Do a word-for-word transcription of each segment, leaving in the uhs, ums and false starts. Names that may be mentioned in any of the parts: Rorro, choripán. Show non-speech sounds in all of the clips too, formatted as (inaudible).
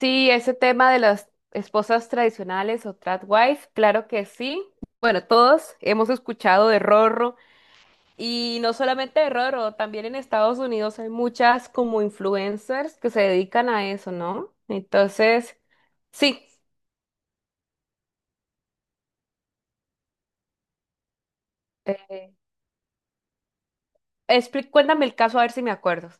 Sí, ese tema de las esposas tradicionales o tradwives, claro que sí. Bueno, todos hemos escuchado de Rorro y no solamente de Rorro, también en Estados Unidos hay muchas como influencers que se dedican a eso, ¿no? Entonces, sí. eh, expli- Cuéntame el caso a ver si me acuerdo.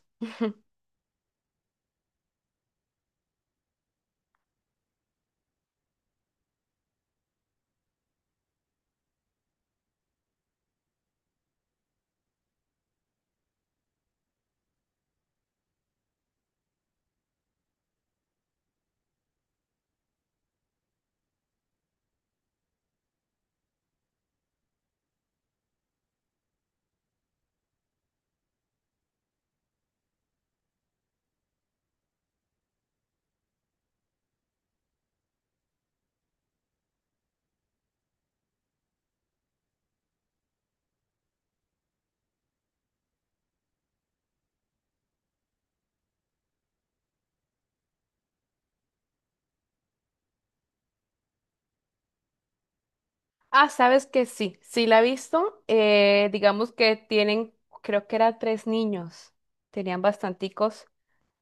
Ah, sabes que sí, sí la he visto. Eh, digamos que tienen, creo que eran tres niños, tenían bastanticos.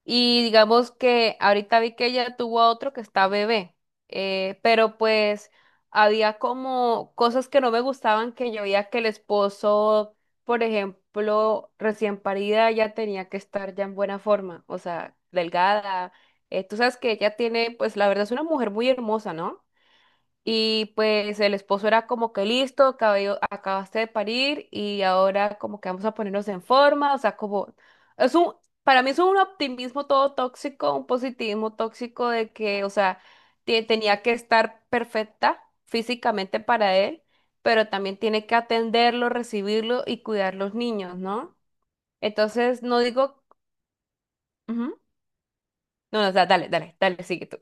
Y digamos que ahorita vi que ella tuvo a otro que está bebé, eh, pero pues había como cosas que no me gustaban que yo veía que el esposo, por ejemplo, recién parida ya tenía que estar ya en buena forma, o sea, delgada. Eh, tú sabes que ella tiene, pues la verdad es una mujer muy hermosa, ¿no? Y pues el esposo era como que listo, acabé- acabaste de parir y ahora como que vamos a ponernos en forma, o sea, como es un, para mí es un optimismo todo tóxico, un positivismo tóxico de que, o sea, te- tenía que estar perfecta físicamente para él, pero también tiene que atenderlo, recibirlo y cuidar los niños, ¿no? Entonces, no digo, ujú. No, no, o sea, dale, dale, dale, sigue tú.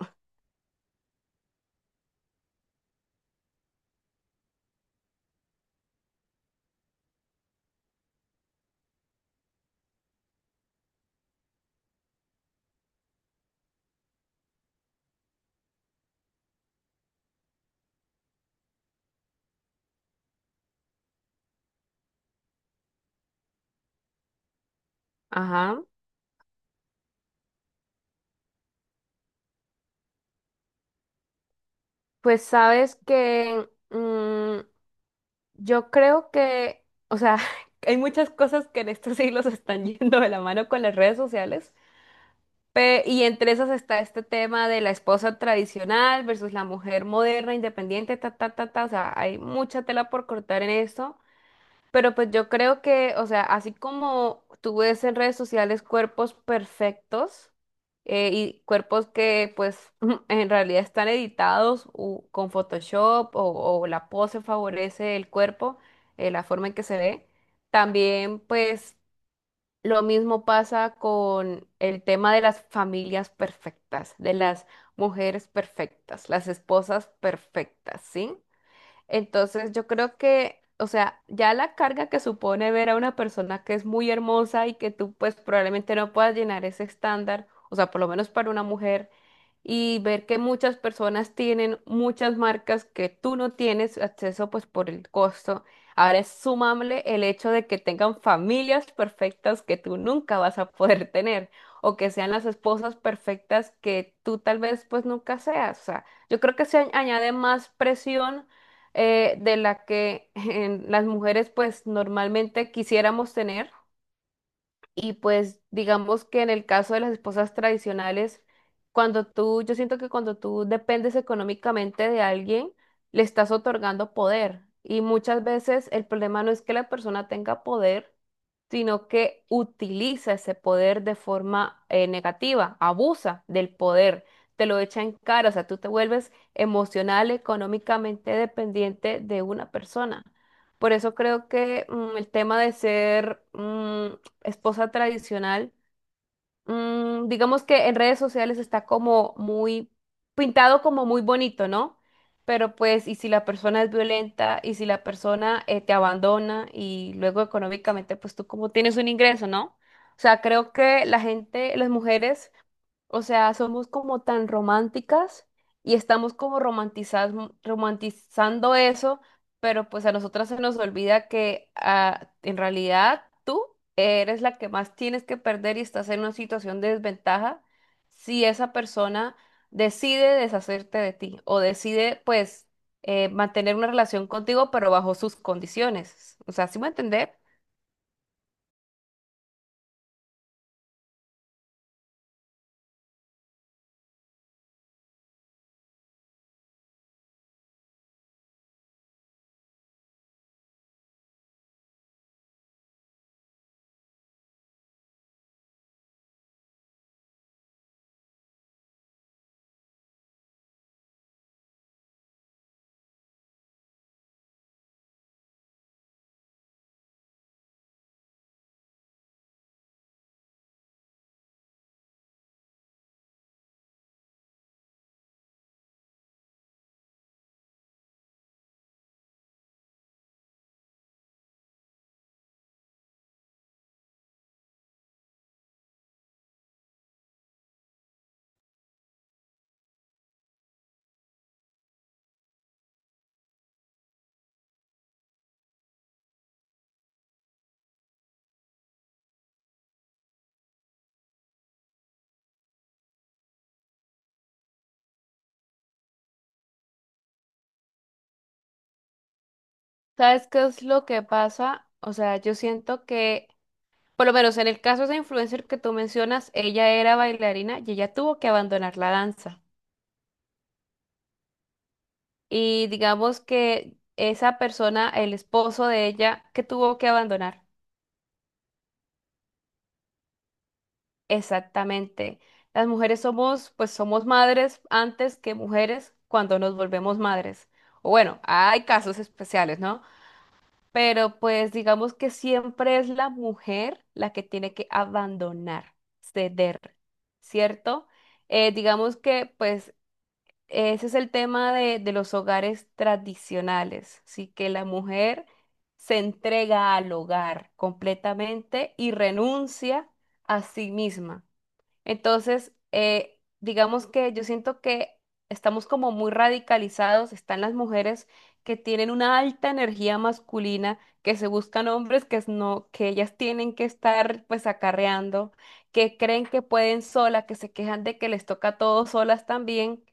Ajá. Pues sabes que... mm, yo creo que, o sea, (laughs) hay muchas cosas que en estos siglos (laughs) están yendo de la mano con las redes sociales, pe- y entre esas está este tema de la esposa tradicional versus la mujer moderna, independiente, ta, ta, ta, ta, o sea, hay mucha tela por cortar en esto. Pero pues yo creo que, o sea, así como tú ves en redes sociales cuerpos perfectos eh, y cuerpos que pues (laughs) en realidad están editados u- con Photoshop o, o la pose favorece el cuerpo, eh, la forma en que se ve, también pues lo mismo pasa con el tema de las familias perfectas, de las mujeres perfectas, las esposas perfectas, ¿sí? Entonces yo creo que, o sea, ya la carga que supone ver a una persona que es muy hermosa y que tú pues probablemente no puedas llenar ese estándar, o sea, por lo menos para una mujer, y ver que muchas personas tienen muchas marcas que tú no tienes acceso pues por el costo. Ahora es sumable el hecho de que tengan familias perfectas que tú nunca vas a poder tener o que sean las esposas perfectas que tú tal vez pues nunca seas. O sea, yo creo que se añ- añade más presión eh, de la que (laughs) en las mujeres pues normalmente quisiéramos tener y pues digamos que en el caso de las esposas tradicionales, cuando tú, yo siento que cuando tú dependes económicamente de alguien, le estás otorgando poder. Y muchas veces el problema no es que la persona tenga poder, sino que utiliza ese poder de forma eh, negativa, abusa del poder, te lo echa en cara, o sea, tú te vuelves emocional, económicamente dependiente de una persona. Por eso creo que mm, el tema de ser mm, esposa tradicional, mm, digamos que en redes sociales está como muy pintado como muy bonito, ¿no? Pero pues, y si la persona es violenta, y si la persona eh, te abandona, y luego económicamente, pues tú como tienes un ingreso, ¿no? O sea, creo que la gente, las mujeres o sea, somos como tan románticas y estamos como romantizas- romantizando eso, pero pues a nosotras se nos olvida que ah, en realidad tú eres la que más tienes que perder y estás en una situación de desventaja si esa persona decide deshacerte de ti o decide pues eh, mantener una relación contigo, pero bajo sus condiciones. O sea, ¿sí me entender? ¿Sabes qué es lo que pasa? O sea, yo siento que por lo menos en el caso de esa influencer que tú mencionas, ella era bailarina y ella tuvo que abandonar la danza. Y digamos que esa persona, el esposo de ella, que tuvo que abandonar. Exactamente. Las mujeres somos, pues somos madres antes que mujeres cuando nos volvemos madres. O bueno, hay casos especiales, ¿no? Pero pues digamos que siempre es la mujer la que tiene que abandonar, ceder, ¿cierto? Eh, digamos que pues ese es el tema de, de los hogares tradicionales, sí que la mujer se entrega al hogar completamente y renuncia a sí misma. Entonces, eh, digamos que yo siento que estamos como muy radicalizados, están las mujeres que tienen una alta energía masculina, que se buscan hombres que es no, que ellas tienen que estar pues acarreando, que creen que pueden sola, que se quejan de que les toca todo solas también,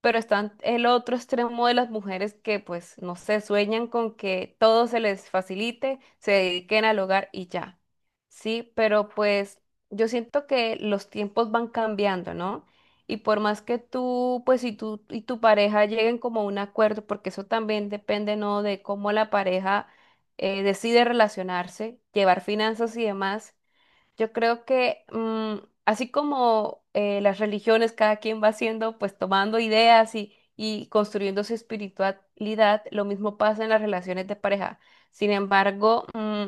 pero están el otro extremo de las mujeres que pues no sé, sueñan con que todo se les facilite, se dediquen al hogar y ya. Sí, pero pues yo siento que los tiempos van cambiando, ¿no? Y por más que tú, pues si tú y tu pareja lleguen como a un acuerdo, porque eso también depende, ¿no? De cómo la pareja eh, decide relacionarse, llevar finanzas y demás, yo creo que mm, así como eh, las religiones, cada quien va haciendo, pues tomando ideas y, y construyendo su espiritualidad, lo mismo pasa en las relaciones de pareja. Sin embargo, mm,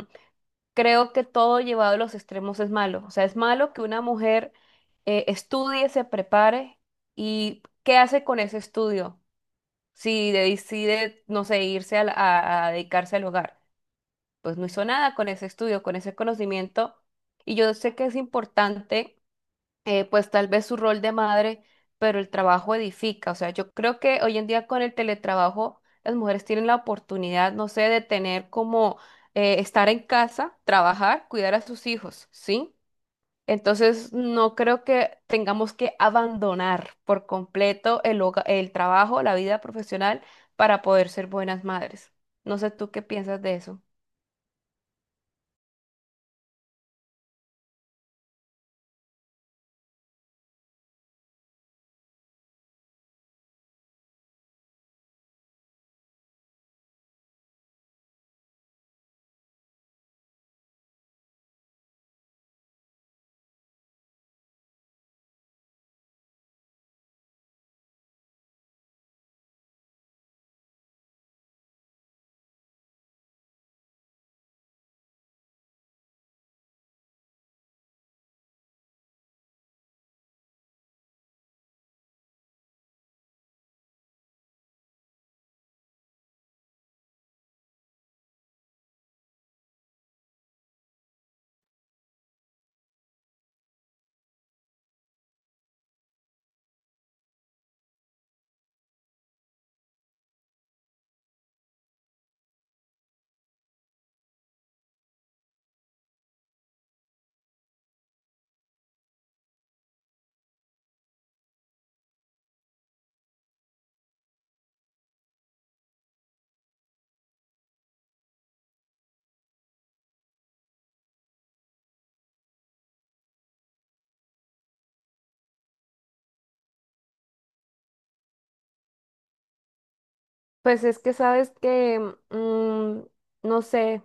creo que todo llevado a los extremos es malo. O sea, es malo que una mujer eh, estudie, se prepare y ¿qué hace con ese estudio? Si de- decide, no sé, irse al- a, a dedicarse al hogar, pues no hizo nada con ese estudio, con ese conocimiento. Y yo sé que es importante eh, pues tal vez su rol de madre, pero el trabajo edifica. O sea, yo creo que hoy en día con el teletrabajo las mujeres tienen la oportunidad, no sé, de tener como eh, estar en casa, trabajar, cuidar a sus hijos, ¿sí? Entonces, no creo que tengamos que abandonar por completo el, hoga- el trabajo, la vida profesional para poder ser buenas madres. No sé tú qué piensas de eso. Pues es que sabes que, mm, no sé.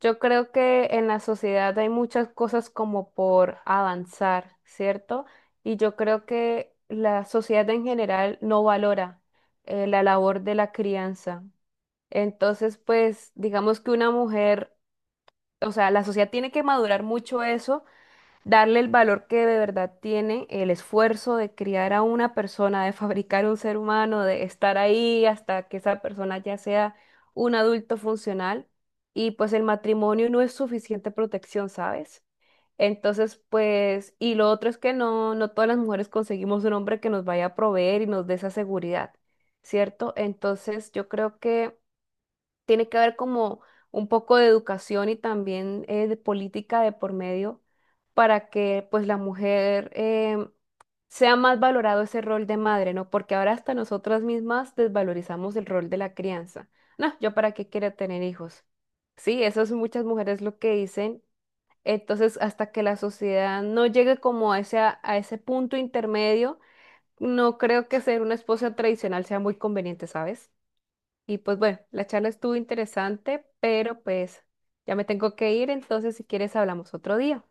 Yo creo que en la sociedad hay muchas cosas como por avanzar, ¿cierto? Y yo creo que la sociedad en general no valora eh, la labor de la crianza. Entonces, pues, digamos que una mujer, o sea, la sociedad tiene que madurar mucho eso, darle el valor que de verdad tiene el esfuerzo de criar a una persona, de (laughs) fabricar un ser humano, de estar ahí hasta que esa persona ya sea un adulto funcional. Y pues el matrimonio no es suficiente protección, ¿sabes? Entonces, pues, y lo otro es que no, no todas las mujeres conseguimos un hombre que nos vaya a proveer y nos dé esa seguridad, ¿cierto? Entonces, yo creo que tiene que haber como un poco de educación y también eh, de política de por medio para que pues la mujer em, sea más valorado ese rol de madre, ¿no? Porque ahora hasta nosotras mismas desvalorizamos el rol de la crianza. No, yo para qué quiero tener hijos. Sí, eso es muchas mujeres lo que dicen. Entonces, hasta que la sociedad no llegue como a ese, a ese punto intermedio, no creo que ser una esposa tradicional sea muy conveniente, ¿sabes? Y pues bueno, la charla estuvo interesante, pero pues ya me tengo que ir, entonces si quieres hablamos otro día.